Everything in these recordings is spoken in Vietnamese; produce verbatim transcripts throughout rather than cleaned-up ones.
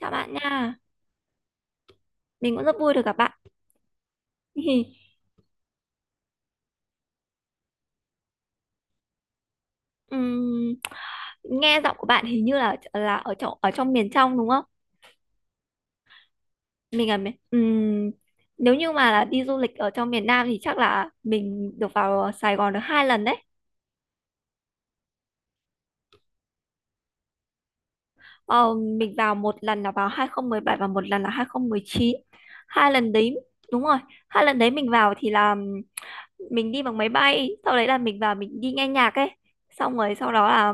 Chào bạn nha, mình cũng rất vui được gặp bạn. ừm, nghe giọng của bạn hình như là là ở trong ở trong miền trong, đúng không? Mình là miền- ừm, Nếu như mà là đi du lịch ở trong miền Nam thì chắc là mình được vào Sài Gòn được hai lần đấy. Ờ, mình vào một lần là vào hai không một bảy và một lần là hai không một chín. Hai lần đấy, đúng rồi, hai lần đấy mình vào thì là mình đi bằng máy bay, sau đấy là mình vào mình đi nghe nhạc ấy, xong rồi sau đó là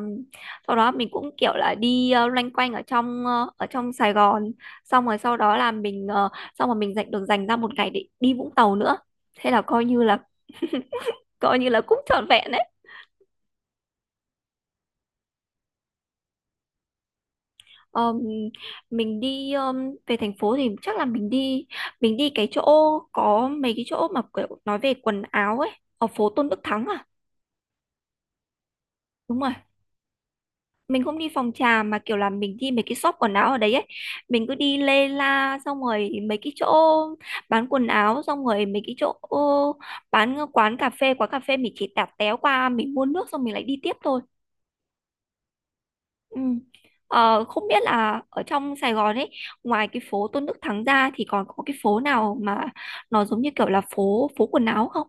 sau đó mình cũng kiểu là đi ờ, loanh quanh ở trong ờ, ở trong Sài Gòn, xong rồi sau đó là mình ờ, xong rồi mình dành được dành ra một ngày để đi Vũng Tàu nữa, thế là coi như là coi như là cũng trọn vẹn đấy. Ờm, mình đi ờm, về thành phố thì chắc là mình đi mình đi cái chỗ, có mấy cái chỗ mà kiểu nói về quần áo ấy, ở phố Tôn Đức Thắng à. Đúng rồi, mình không đi phòng trà mà kiểu là mình đi mấy cái shop quần áo ở đấy ấy, mình cứ đi lê la xong rồi mấy cái chỗ bán quần áo, xong rồi mấy cái chỗ bán quán cà phê. Quán cà phê mình chỉ tạt téo qua, mình mua nước xong mình lại đi tiếp thôi. Ừ. Ờ, không biết là ở trong Sài Gòn ấy, ngoài cái phố Tôn Đức Thắng ra thì còn có cái phố nào mà nó giống như kiểu là phố phố quần áo không?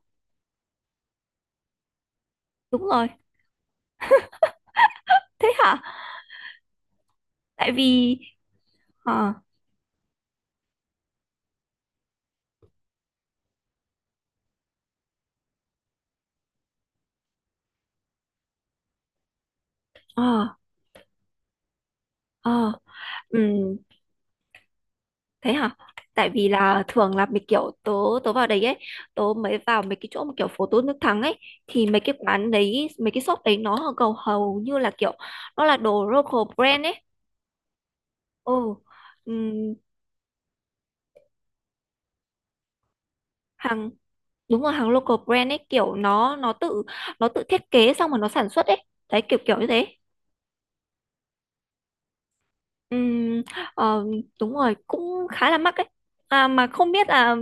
Đúng rồi. Thế hả? Tại vì ờ ờ ờ ừ. Thế hả? Tại vì là thường là mấy kiểu tớ tớ vào đấy ấy, tớ mới vào mấy cái chỗ mà kiểu phố tô nước thắng ấy, thì mấy cái quán đấy, mấy cái shop đấy nó hầu hầu như là kiểu nó là đồ local brand ấy. Ừ. ừm, hàng đúng rồi, hàng local brand ấy, kiểu nó nó tự nó tự thiết kế xong rồi nó sản xuất ấy, đấy kiểu kiểu như thế. Ừm, ờ, Đúng rồi, cũng khá là mắc ấy. À, mà không biết là,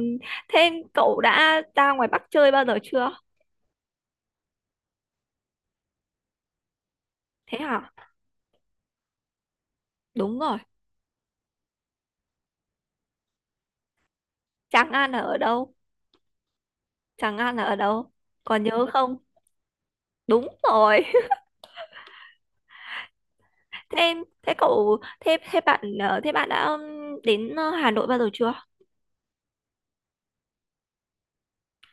thế cậu đã ra ngoài Bắc chơi bao giờ chưa? Thế hả? Đúng rồi. Tràng An là ở đâu? Tràng An là ở đâu? Còn nhớ không? Đúng rồi. Thế em, thế cậu, thế thế bạn, ờ, thế bạn đã ừm, đến ờ, Hà Nội bao giờ chưa?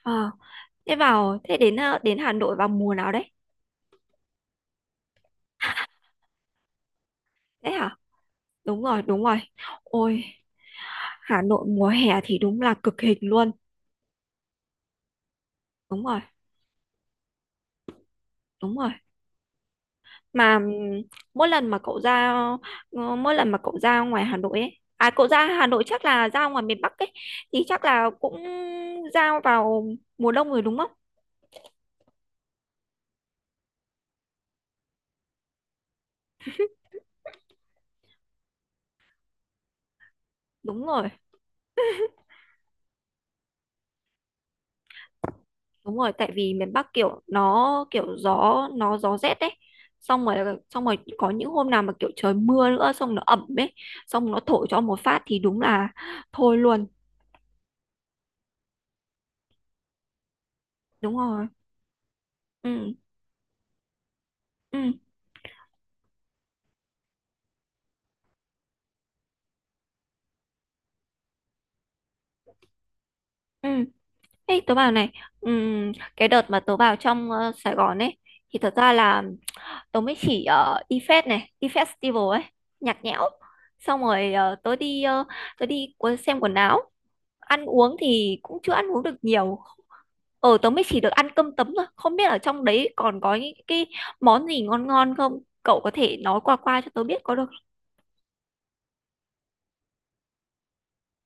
Ờ, thế vào, thế đến ờ, đến Hà Nội vào mùa nào đấy? Đấy hả? Đúng rồi, đúng rồi. Ôi, Hà Nội mùa hè thì đúng là cực hình luôn. Đúng rồi, đúng rồi. Mà ừm, mỗi lần mà cậu ra ờ, mỗi lần mà cậu ra ngoài Hà Nội ấy, à cậu ra Hà Nội chắc là ra ngoài miền Bắc ấy, thì chắc là cũng ra vào mùa đông rồi đúng không? Đúng rồi đúng rồi tại vì miền Bắc kiểu nó kiểu gió nó gió rét đấy, xong rồi xong rồi có những hôm nào mà kiểu trời mưa nữa xong nó ẩm ấy, xong nó thổi cho một phát thì đúng là thôi luôn. Đúng rồi. Ừ. ừ ừ Ê, tớ bảo này, ừm, cái đợt mà tớ vào trong ờ, Sài Gòn ấy, thì thật ra là tớ mới chỉ ở i ép e ét này, i ép e ét Festival ấy, nhạc nhẽo. Xong rồi ờ, tớ đi ờ, tớ đi cu- xem quần áo, ăn uống thì cũng chưa ăn uống được nhiều. Ờ, tớ mới chỉ được ăn cơm tấm thôi, không biết ở trong đấy còn có những cái món gì ngon ngon không? Cậu có thể nói qua qua cho tớ biết có được không?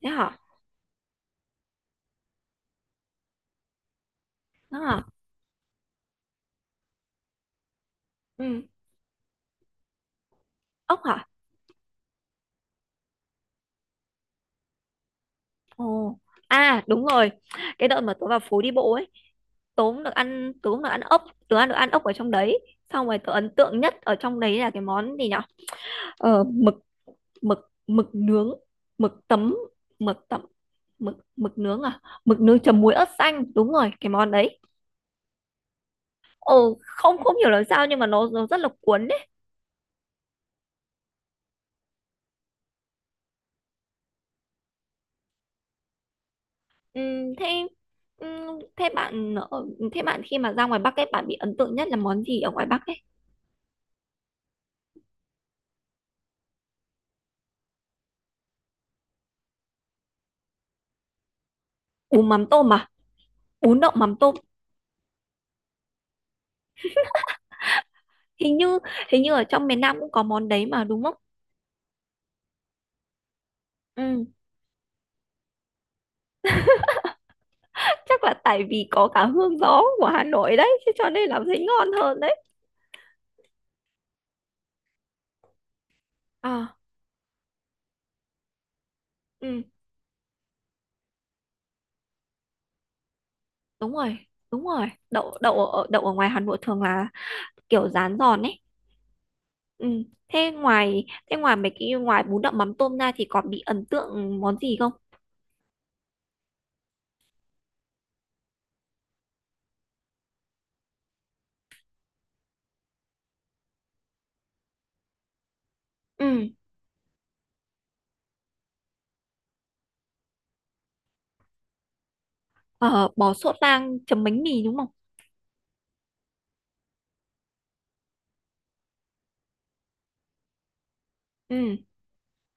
Thế hả? Đó hả? Ừ, ốc hả? Ồ, à đúng rồi, cái đợt mà tớ vào phố đi bộ ấy, tớ cũng được ăn tớ cũng được ăn ốc, tớ ăn được ăn ốc ở trong đấy, xong rồi tớ ấn tượng nhất ở trong đấy là cái món gì nhở? Ờ, mực mực mực nướng, mực tấm mực tấm mực mực nướng, à mực nướng chấm muối ớt xanh, đúng rồi cái món đấy. Ồ, không không hiểu làm sao nhưng mà nó nó rất là cuốn đấy. Ừm, thế ừm, thế bạn ở- Thế bạn khi mà ra ngoài Bắc ấy, bạn bị ấn tượng nhất là món gì ở ngoài Bắc ấy? Bún mắm tôm à? Bún đậu mắm tôm. Hình như hình như ở trong miền Nam cũng có món đấy mà đúng không? Ừ. Chắc là tại vì có cả hương gió của Hà Nội đấy, thế cho nên là thấy ngon hơn đấy. À. Ừ. đúng rồi đúng rồi đậu đậu ở đậu ở ngoài Hà Nội thường là kiểu rán giòn ấy. Ừ. thế ngoài Thế ngoài mấy cái ngoài bún đậu mắm tôm ra thì còn bị ấn tượng món gì không? Ừ. Ờ, bò sốt lang chấm bánh mì đúng không? Ừ.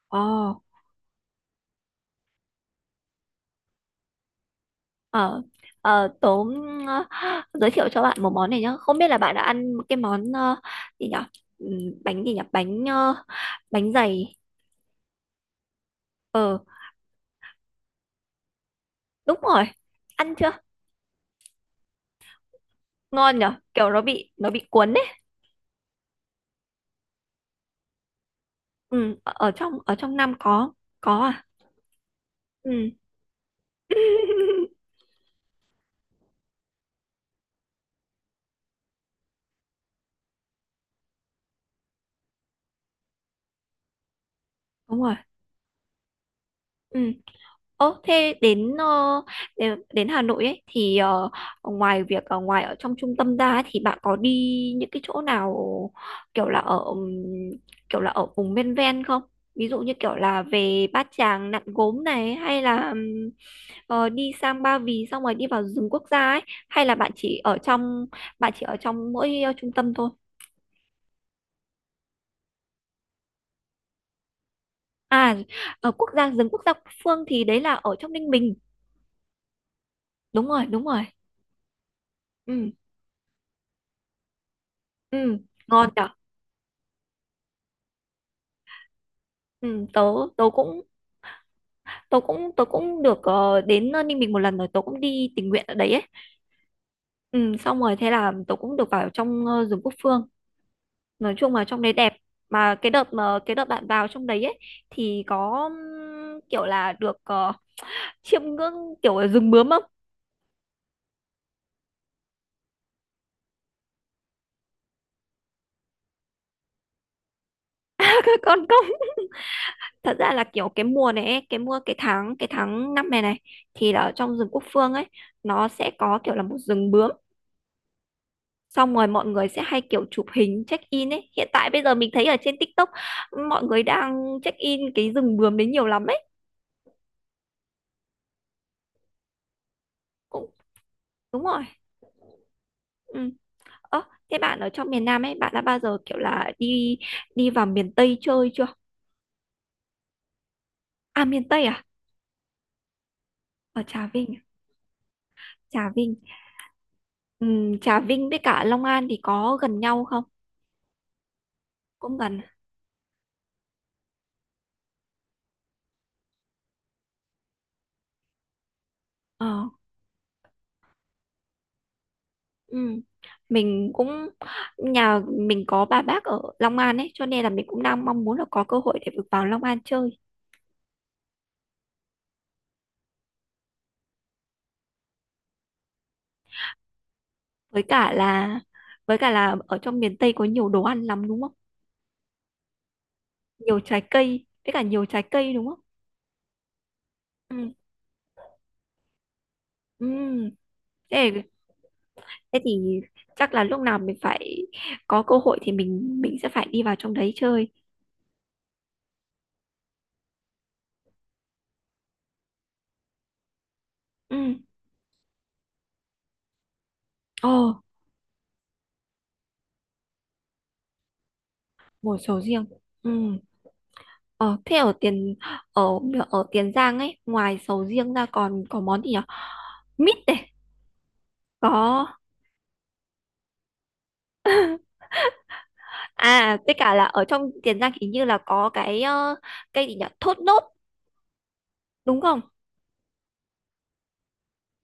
ờ ờ ờ tớ, ờ, giới thiệu cho bạn một món này nhá, không biết là bạn đã ăn cái món ờ, gì nhỉ? Ừ, bánh gì nhỉ? bánh ờ, bánh dày. Ờ, đúng rồi. Ăn chưa? Ngon nhở, kiểu nó bị nó bị cuốn đấy. Ừ, ở ở trong ở trong Nam có. Có à? Ừ. Đúng rồi. Ừ. Ồ, thế đến ờ, đến, đến Hà Nội ấy thì ờ, ngoài việc ở ngoài ở trong trung tâm ra ấy, thì bạn có đi những cái chỗ nào kiểu là ở ừm, kiểu là ở vùng ven ven không? Ví dụ như kiểu là về Bát Tràng, Nặn Gốm này hay là ờ, đi sang Ba Vì xong rồi đi vào rừng quốc gia ấy, hay là bạn chỉ ở trong bạn chỉ ở trong mỗi ờ, trung tâm thôi? À, ở quốc gia rừng quốc gia Quốc Phương thì đấy là ở trong Ninh Bình. Đúng rồi, đúng rồi. Ừ. Ừ. Ngon nhở. Ừ, tớ tớ cũng tớ cũng tớ cũng được ờ, đến ờ, Ninh Bình một lần rồi, tớ cũng đi tình nguyện ở đấy ấy. Ừ, xong rồi thế là tớ cũng được vào trong ờ, rừng quốc phương, nói chung là trong đấy đẹp. Mà cái đợt mà cái đợt bạn vào trong đấy ấy, thì có ừm, kiểu là được ờ, chiêm ngưỡng kiểu ở rừng bướm không? Các con không? Thật ra là kiểu cái mùa này ấy, cái mùa cái tháng cái tháng năm này này, thì là ở trong rừng quốc phương ấy, nó sẽ có kiểu là một rừng bướm, xong rồi mọi người sẽ hay kiểu chụp hình check in ấy. Hiện tại bây giờ mình thấy ở trên TikTok mọi người đang check in cái rừng bướm đấy nhiều lắm ấy. Cũng đúng rồi. Ừ. Ơ, thế bạn ở trong miền Nam ấy, bạn đã bao giờ kiểu là đi đi vào miền Tây chơi chưa? À, miền Tây à? Ở Trà Vinh à? Trà Vinh. Ừ, Trà Vinh với cả Long An thì có gần nhau không? Cũng gần. Ờ. Ừ. Mình cũng Nhà mình có bà bác ở Long An ấy, cho nên là mình cũng đang mong muốn là có cơ hội để được vào Long An chơi. Với cả là với cả là ở trong miền Tây có nhiều đồ ăn lắm đúng không? Nhiều trái cây, với cả nhiều trái cây đúng không? Ừ. Ừ. Thế, thế thì chắc là lúc nào mình phải có cơ hội thì mình mình sẽ phải đi vào trong đấy chơi. Ừ. Ồ, mùa sầu riêng. Ừ. Ờ, thế ở Tiền ở ở Tiền Giang ấy, ngoài sầu riêng ra còn có món gì nhỉ? Mít này, có à, tất cả là ở trong Tiền Giang hình như là có cái ờ, cây gì nhỉ? Thốt nốt đúng không?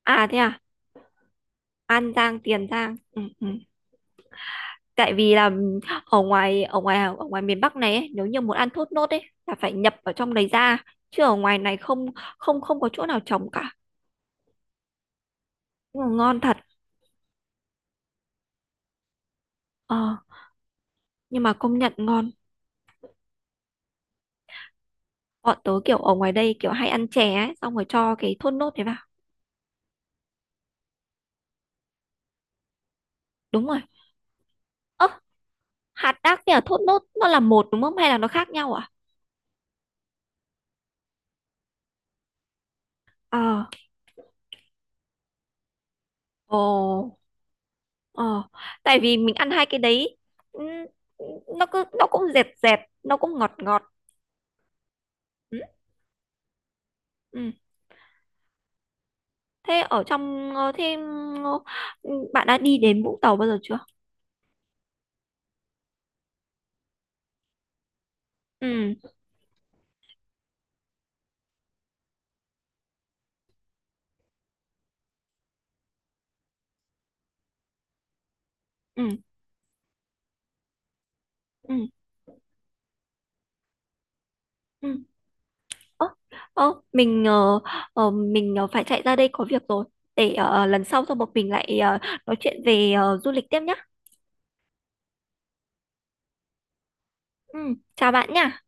À thế à, An Giang, Tiền Giang. Ừ, ừ. Tại vì là ừ, ở ngoài ở ngoài ở ngoài miền Bắc này ấy, nếu như muốn ăn thốt nốt ấy là phải nhập ở trong đấy ra, chứ ở ngoài này không không không có chỗ nào trồng cả. Nhưng mà ngon thật. Ờ, nhưng mà công nhận ngon, bọn tớ kiểu ở ngoài đây kiểu hay ăn chè ấy xong rồi cho cái thốt nốt đấy vào. Đúng rồi. Ơ, hạt đác với cả thốt nốt nó là một đúng không hay là nó khác nhau à? Ờ. Ồ. Ờ, tại vì mình ăn hai cái đấy, ừ, nó cứ nó cũng dẹt dẹt nó cũng ngọt ngọt. Ừ, ừ. Thế ở trong ờ, thế ừ, bạn đã đi đến Vũng Tàu bao giờ chưa? Ừ. Ừ. Ừ. Ừ. Ơ, ơ, mình ờ, ờ, mình ờ, phải chạy ra đây có việc rồi. Để ờ, ờ, lần sau xong một mình lại ờ, nói chuyện về ờ, du lịch tiếp nhá. Ừ, chào bạn nhá.